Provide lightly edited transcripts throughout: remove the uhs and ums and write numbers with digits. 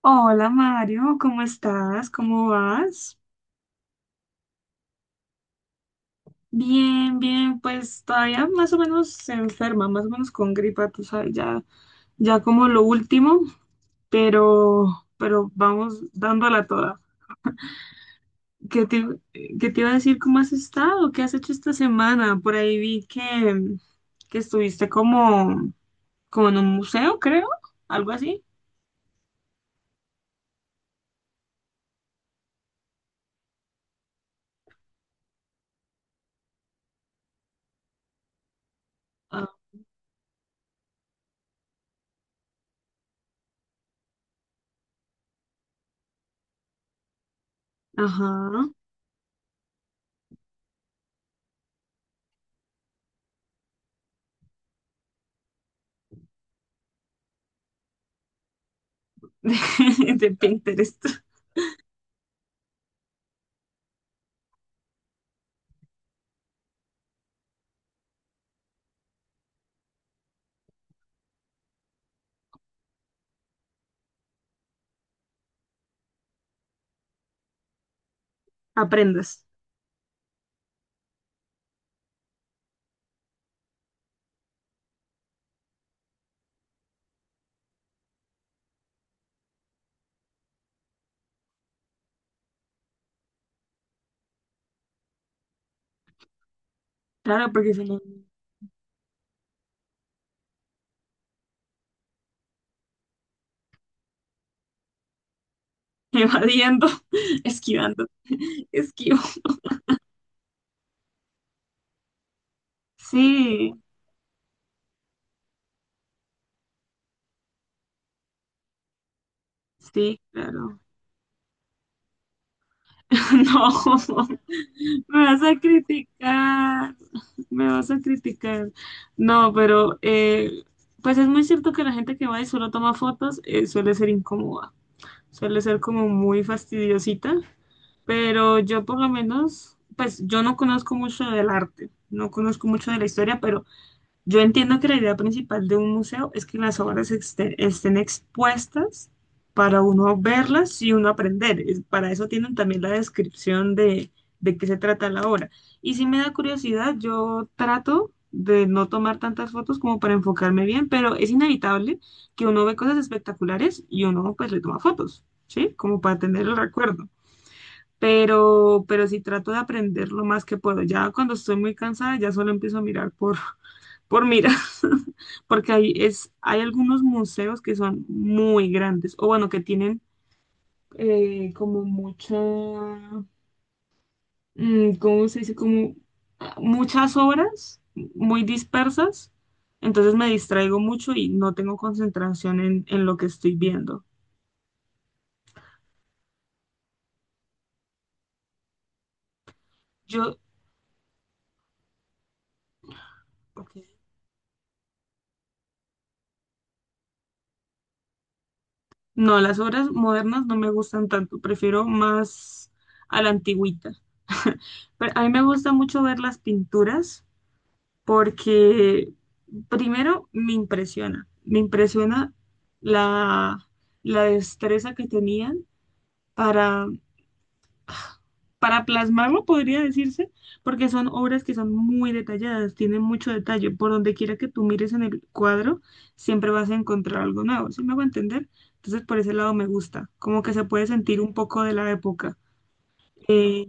Hola Mario, ¿cómo estás? ¿Cómo vas? Bien, bien, pues todavía más o menos enferma, más o menos con gripa, tú sabes, ya, ya como lo último, pero, pero vamos dándola toda. ¿Qué te, qué te iba a decir? ¿Cómo has estado? ¿Qué has hecho esta semana? Por ahí vi que estuviste como en un museo, creo, algo así. Ah. Ajá. De Pinterest. Aprendas. Claro, porque si no. Evadiendo, esquivando, esquivo. Sí, sí, claro. No, me vas a criticar, me vas a criticar. No, pero pues es muy cierto que la gente que va y solo toma fotos suele ser incómoda, suele ser como muy fastidiosita, pero yo por lo menos, pues yo no conozco mucho del arte, no conozco mucho de la historia, pero yo entiendo que la idea principal de un museo es que las obras estén expuestas para uno verlas y uno aprender. Para eso tienen también la descripción de qué se trata la obra. Y si me da curiosidad, yo trato de no tomar tantas fotos como para enfocarme bien, pero es inevitable que uno ve cosas espectaculares y uno pues le toma fotos, ¿sí? Como para tener el recuerdo. Pero sí trato de aprender lo más que puedo. Ya cuando estoy muy cansada, ya solo empiezo a mirar por mira, porque hay, hay algunos museos que son muy grandes, o bueno, que tienen como mucha, ¿cómo se dice? Como muchas obras muy dispersas, entonces me distraigo mucho y no tengo concentración en lo que estoy viendo. Yo. Ok. No, las obras modernas no me gustan tanto, prefiero más a la antigüita. Pero a mí me gusta mucho ver las pinturas porque primero me impresiona la, la destreza que tenían para, para plasmarlo, podría decirse, porque son obras que son muy detalladas, tienen mucho detalle. Por donde quiera que tú mires en el cuadro, siempre vas a encontrar algo nuevo, ¿sí me hago entender? Entonces, por ese lado me gusta, como que se puede sentir un poco de la época. Eh,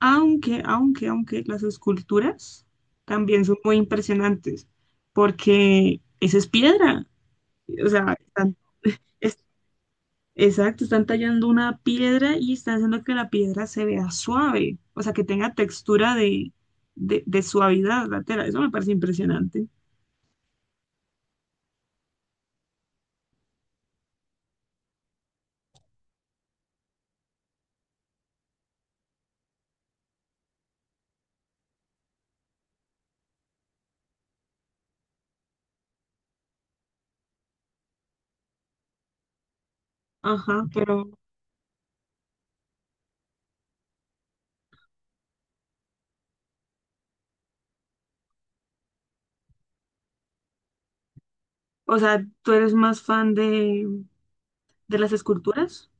aunque las esculturas también son muy impresionantes, porque esa es piedra. O sea, están, es- exacto, están tallando una piedra y están haciendo que la piedra se vea suave, o sea, que tenga textura de suavidad la tela. Eso me parece impresionante. Ajá, pero, o sea, ¿tú eres más fan de las esculturas?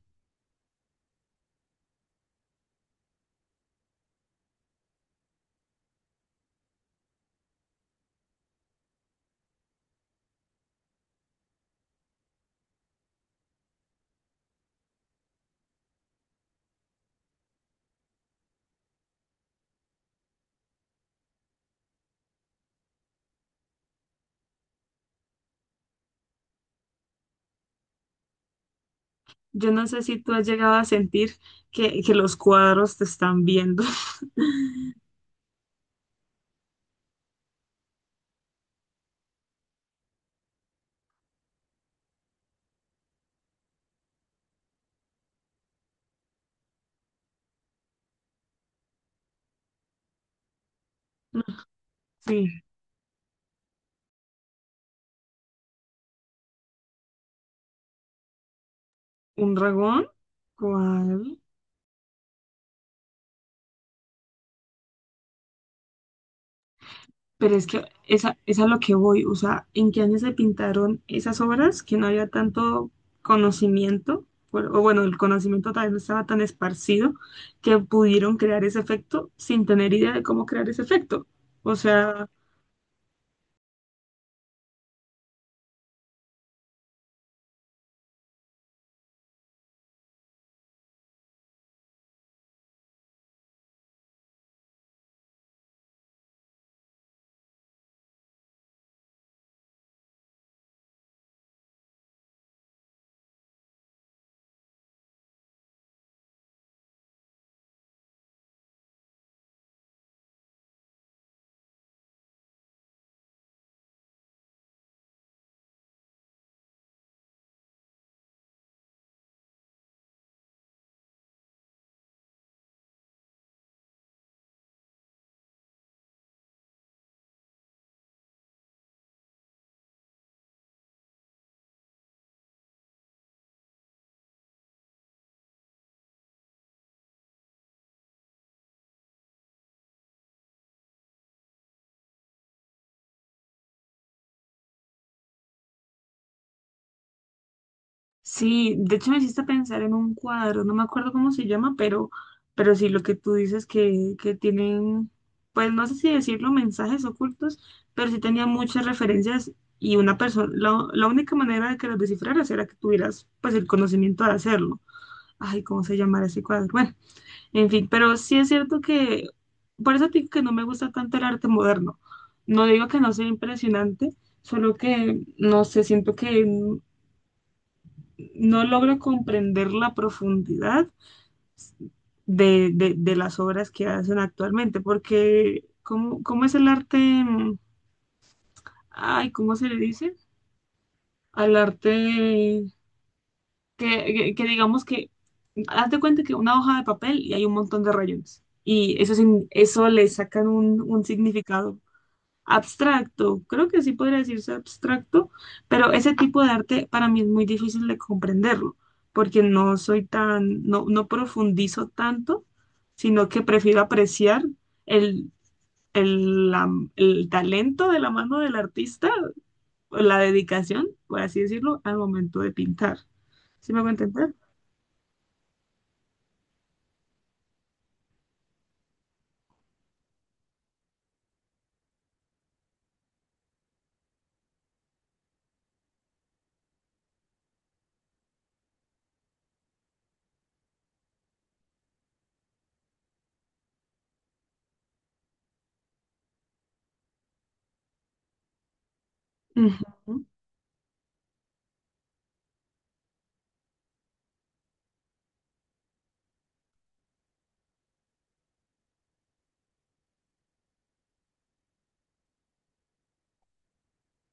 Yo no sé si tú has llegado a sentir que los cuadros te están viendo. Sí. ¿Un dragón? ¿Cuál? Pero es que esa, es a lo que voy, o sea, ¿en qué año se pintaron esas obras que no había tanto conocimiento? O bueno, el conocimiento tal vez no estaba tan esparcido que pudieron crear ese efecto sin tener idea de cómo crear ese efecto. O sea, sí, de hecho me hiciste pensar en un cuadro, no me acuerdo cómo se llama, pero sí lo que tú dices que tienen, pues no sé si decirlo, mensajes ocultos, pero sí tenía muchas referencias y una persona, la única manera de que los descifraras era que tuvieras pues el conocimiento de hacerlo. Ay, ¿cómo se llamará ese cuadro? Bueno, en fin, pero sí es cierto que, por eso te digo que no me gusta tanto el arte moderno. No digo que no sea impresionante, solo que, no sé, siento que no logro comprender la profundidad de las obras que hacen actualmente, porque ¿cómo es el arte? Ay, ¿cómo se le dice? Al arte que digamos que, haz de cuenta que una hoja de papel y hay un montón de rayones. Y eso, eso le sacan un significado abstracto, creo que sí podría decirse abstracto, pero ese tipo de arte para mí es muy difícil de comprenderlo, porque no soy tan, no, no profundizo tanto, sino que prefiero apreciar el, el, la- el talento de la mano del artista, o la dedicación, por así decirlo, al momento de pintar. ¿Sí me voy a entender? Ujú.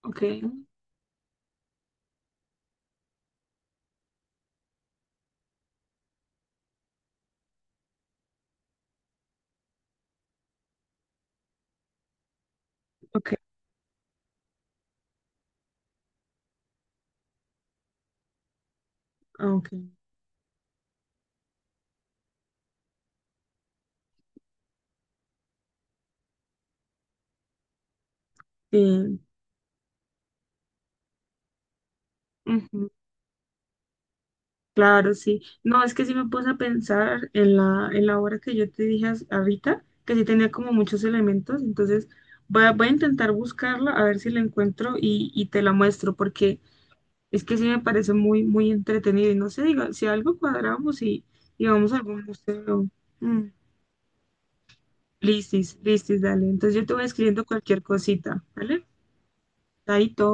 Ok, ok, ok. Sí. Claro, sí. No, es que sí me puse a pensar en la obra que yo te dije ahorita, que sí tenía como muchos elementos, entonces voy a intentar buscarla, a ver si la encuentro y te la muestro, porque es que sí me parece muy, muy entretenido y no sé, diga, si algo cuadramos y vamos a algún museo. Mm, Listis, listis, dale. Entonces yo te voy escribiendo cualquier cosita, ¿vale? Chaito.